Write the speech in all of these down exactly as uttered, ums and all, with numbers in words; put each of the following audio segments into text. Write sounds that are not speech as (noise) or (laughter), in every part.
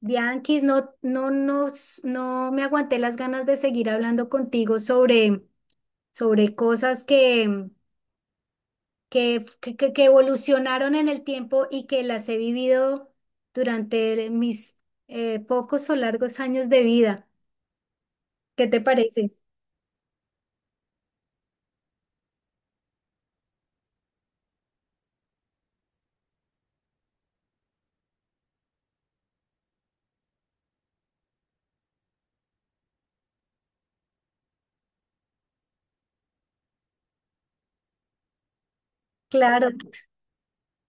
Bianquis, no, no, no, s- no me aguanté las ganas de seguir hablando contigo sobre, sobre cosas que, que, que, que- que evolucionaron en el tiempo y que las he vivido durante mis eh, pocos o largos años de vida. ¿Qué te parece? Claro.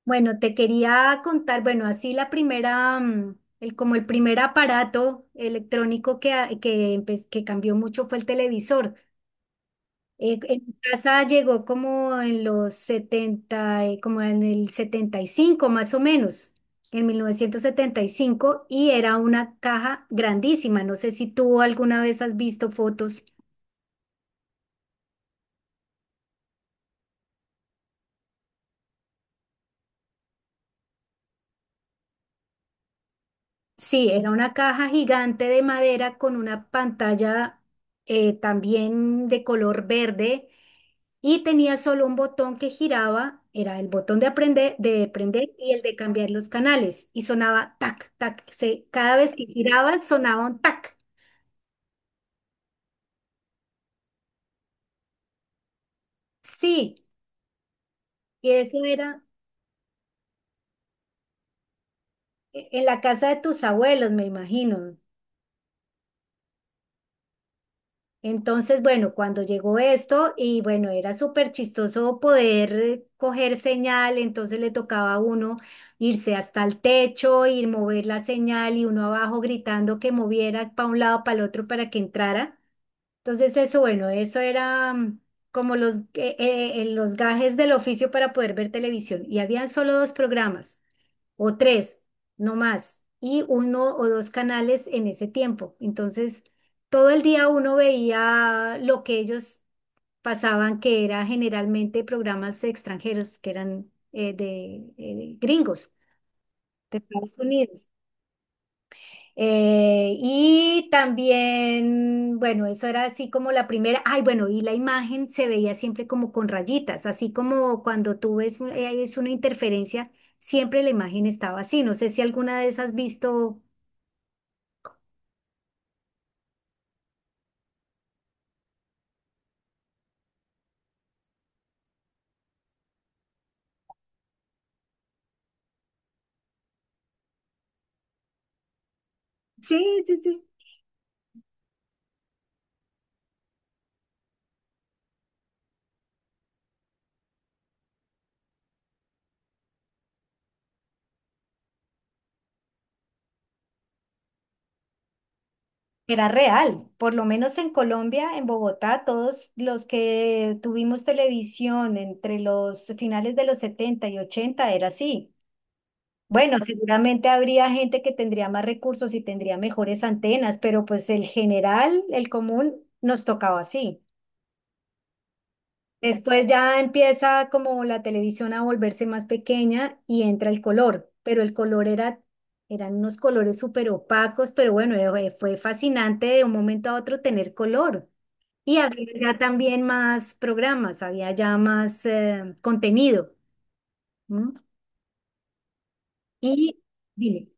Bueno, te quería contar, bueno, así la primera, mm, el, como el primer aparato electrónico que, a- que, empe- que cambió mucho fue el televisor. Eh, en mi casa llegó como en los setenta eh, como en el setenta y cinco más o menos, en mil novecientos setenta y cinco y era una caja grandísima. No sé si tú alguna vez has visto fotos. Sí, era una caja gigante de madera con una pantalla eh, también de color verde y tenía solo un botón que giraba, era el botón de aprender, de prender y el de cambiar los canales y sonaba tac, tac, se- cada vez que giraba sonaba un tac. Sí, y eso era e- en la casa de tus abuelos, me imagino. Entonces, bueno, cuando llegó esto y bueno, era súper chistoso poder eh, coger señal, entonces le tocaba a uno irse hasta el techo, ir mover la señal y uno abajo gritando que moviera para un lado, para el otro, para que entrara. Entonces eso, bueno, eso era mm, como los, eh, eh, eh, los gajes del oficio para poder ver televisión. Y habían solo dos programas, o tres, no más, y uno o dos canales en ese tiempo. Entonces, todo el día uno veía lo que ellos pasaban, que era generalmente programas extranjeros, que eran eh, de eh, gringos, de Estados Unidos. Eh, y también, bueno, eso era así como la primera, ay, bueno, y la imagen se veía siempre como con rayitas, así como cuando tú ves un- eh, es una interferencia, siempre la imagen estaba así. No sé si alguna vez has visto. Sí, sí, sí. Era real, por lo menos en Colombia, en Bogotá, todos los que tuvimos televisión entre los finales de los setenta y ochenta era así. Bueno, seguramente habría gente que tendría más recursos y tendría mejores antenas, pero pues el general, el común, nos tocaba así. Después ya empieza como la televisión a volverse más pequeña y entra el color, pero el color era, eran unos colores súper opacos, pero bueno, eh, eh, fue fascinante de un momento a otro tener color. Y había ya también más programas, había ya más eh, contenido. ¿M? Y dime.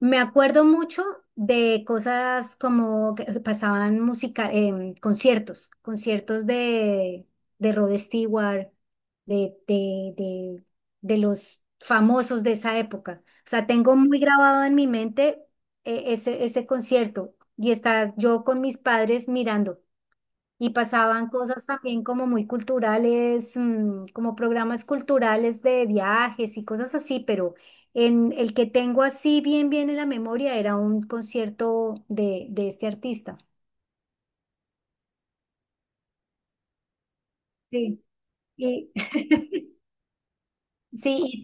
Me acuerdo mucho de cosas como que pasaban música, em, conciertos, conciertos de, de Rod Stewart, de, de, de, de los famosos de esa época. O sea, tengo muy grabado en mi mente, eh, ese, ese concierto y estar yo con mis padres mirando. Y pasaban cosas también como muy culturales, mm, como programas culturales de viajes y cosas así, pero en el que tengo así bien, bien en la memoria era un concierto de, de este artista. Sí. Y sí.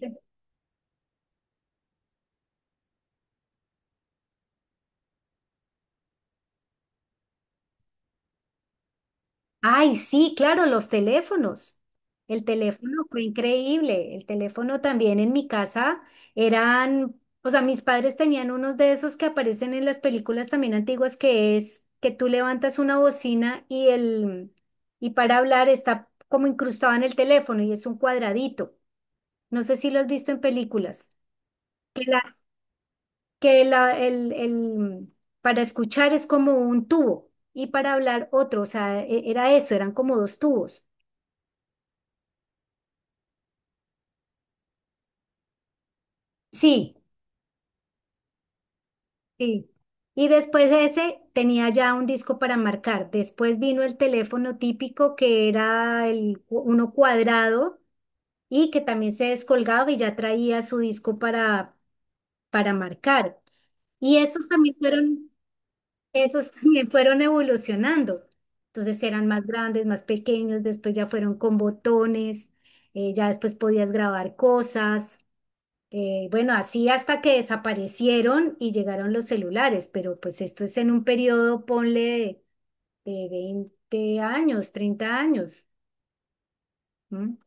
Ay, sí, claro, los teléfonos. El teléfono fue increíble. El teléfono también en mi casa eran, o sea, mis padres tenían unos de esos que aparecen en las películas también antiguas, que es que tú levantas una bocina y el, y para hablar está como incrustado en el teléfono y es un cuadradito. No sé si lo has visto en películas. Que la, que la, el, el, para escuchar es como un tubo y para hablar otro, o sea, e- era eso, eran como dos tubos. Sí. Sí. Y después ese tenía ya un disco para marcar. Después vino el teléfono típico que era el cu- uno cuadrado y que también se descolgaba y ya traía su disco para, para marcar. Y esos también fueron, esos (laughs) también fueron evolucionando. Entonces eran más grandes, más pequeños, después ya fueron con botones, eh, ya después podías grabar cosas. Eh, bueno, así hasta que desaparecieron y llegaron los celulares, pero pues esto es en un periodo, ponle, de, de veinte años, treinta años. ¿M?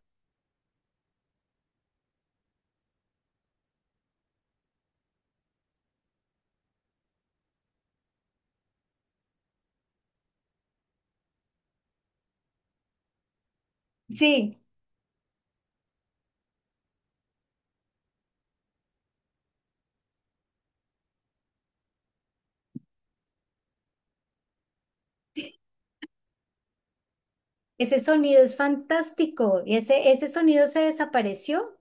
Sí, ese sonido es fantástico. Y Ese, ese sonido se desapareció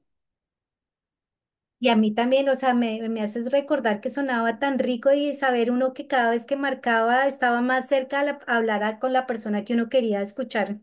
y a mí también, o sea, me, me haces recordar que sonaba tan rico y saber uno que cada vez que marcaba estaba más cerca a la- a hablar a- con la persona que uno quería escuchar.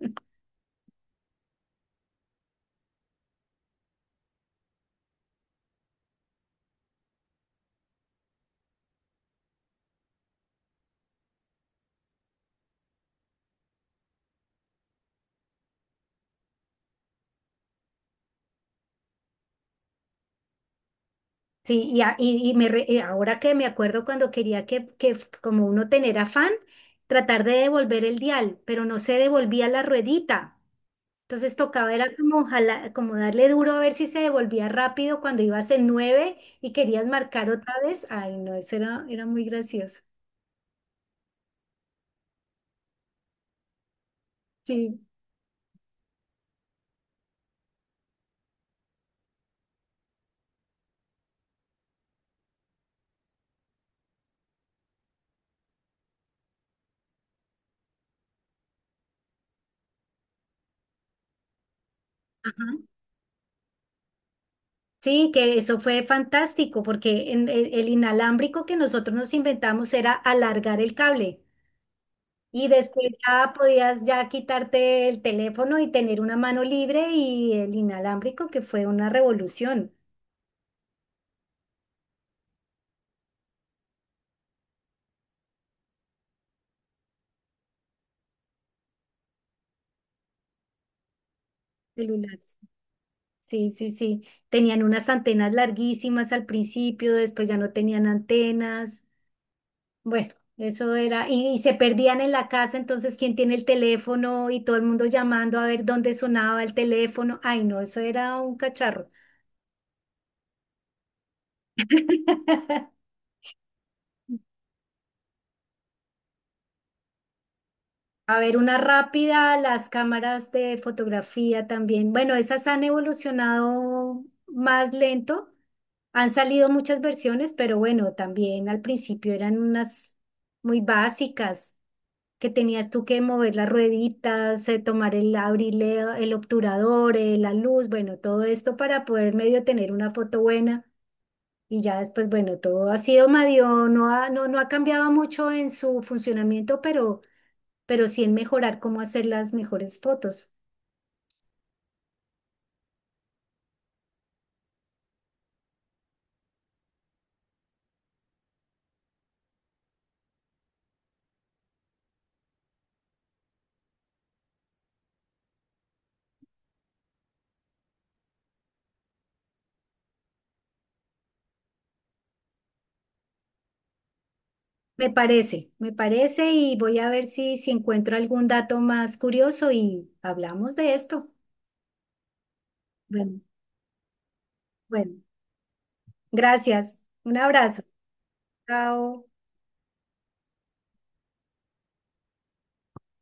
Sí, y, a- y- y me re- y ahora que me acuerdo cuando quería que, que como uno tener afán, tratar de devolver el dial, pero no se devolvía la ruedita. Entonces tocaba era como, jala- como darle duro a ver si se devolvía rápido cuando ibas en nueve y querías marcar otra vez. Ay, no, eso era, era muy gracioso. Sí. Ajá. Sí, que eso fue fantástico porque en- el, el inalámbrico que nosotros nos inventamos era alargar el cable. Y después ya podías ya quitarte el teléfono y tener una mano libre y el inalámbrico, que fue una revolución celular. Sí, sí, sí. Tenían unas antenas larguísimas al principio, después ya no tenían antenas. Bueno, eso era. Y, y se perdían en la casa, entonces, ¿quién tiene el teléfono? Y todo el mundo llamando a ver dónde sonaba el teléfono. Ay, no, eso era un cacharro. (laughs) A ver, una rápida, las cámaras de fotografía también. Bueno, esas han evolucionado más lento. Han salido muchas versiones, pero bueno, también al principio eran unas muy básicas, que tenías tú que mover las rueditas, eh, tomar el, abrirle el obturador, eh, la luz, bueno, todo esto para poder medio tener una foto buena. Y ya después, bueno, todo ha sido medio, no ha, no, no ha cambiado mucho en su funcionamiento, pero pero sí en mejorar cómo hacer las mejores fotos. Me parece, me parece y voy a ver si, si encuentro algún dato más curioso y hablamos de esto. Bueno, bueno, gracias. Un abrazo. Chao.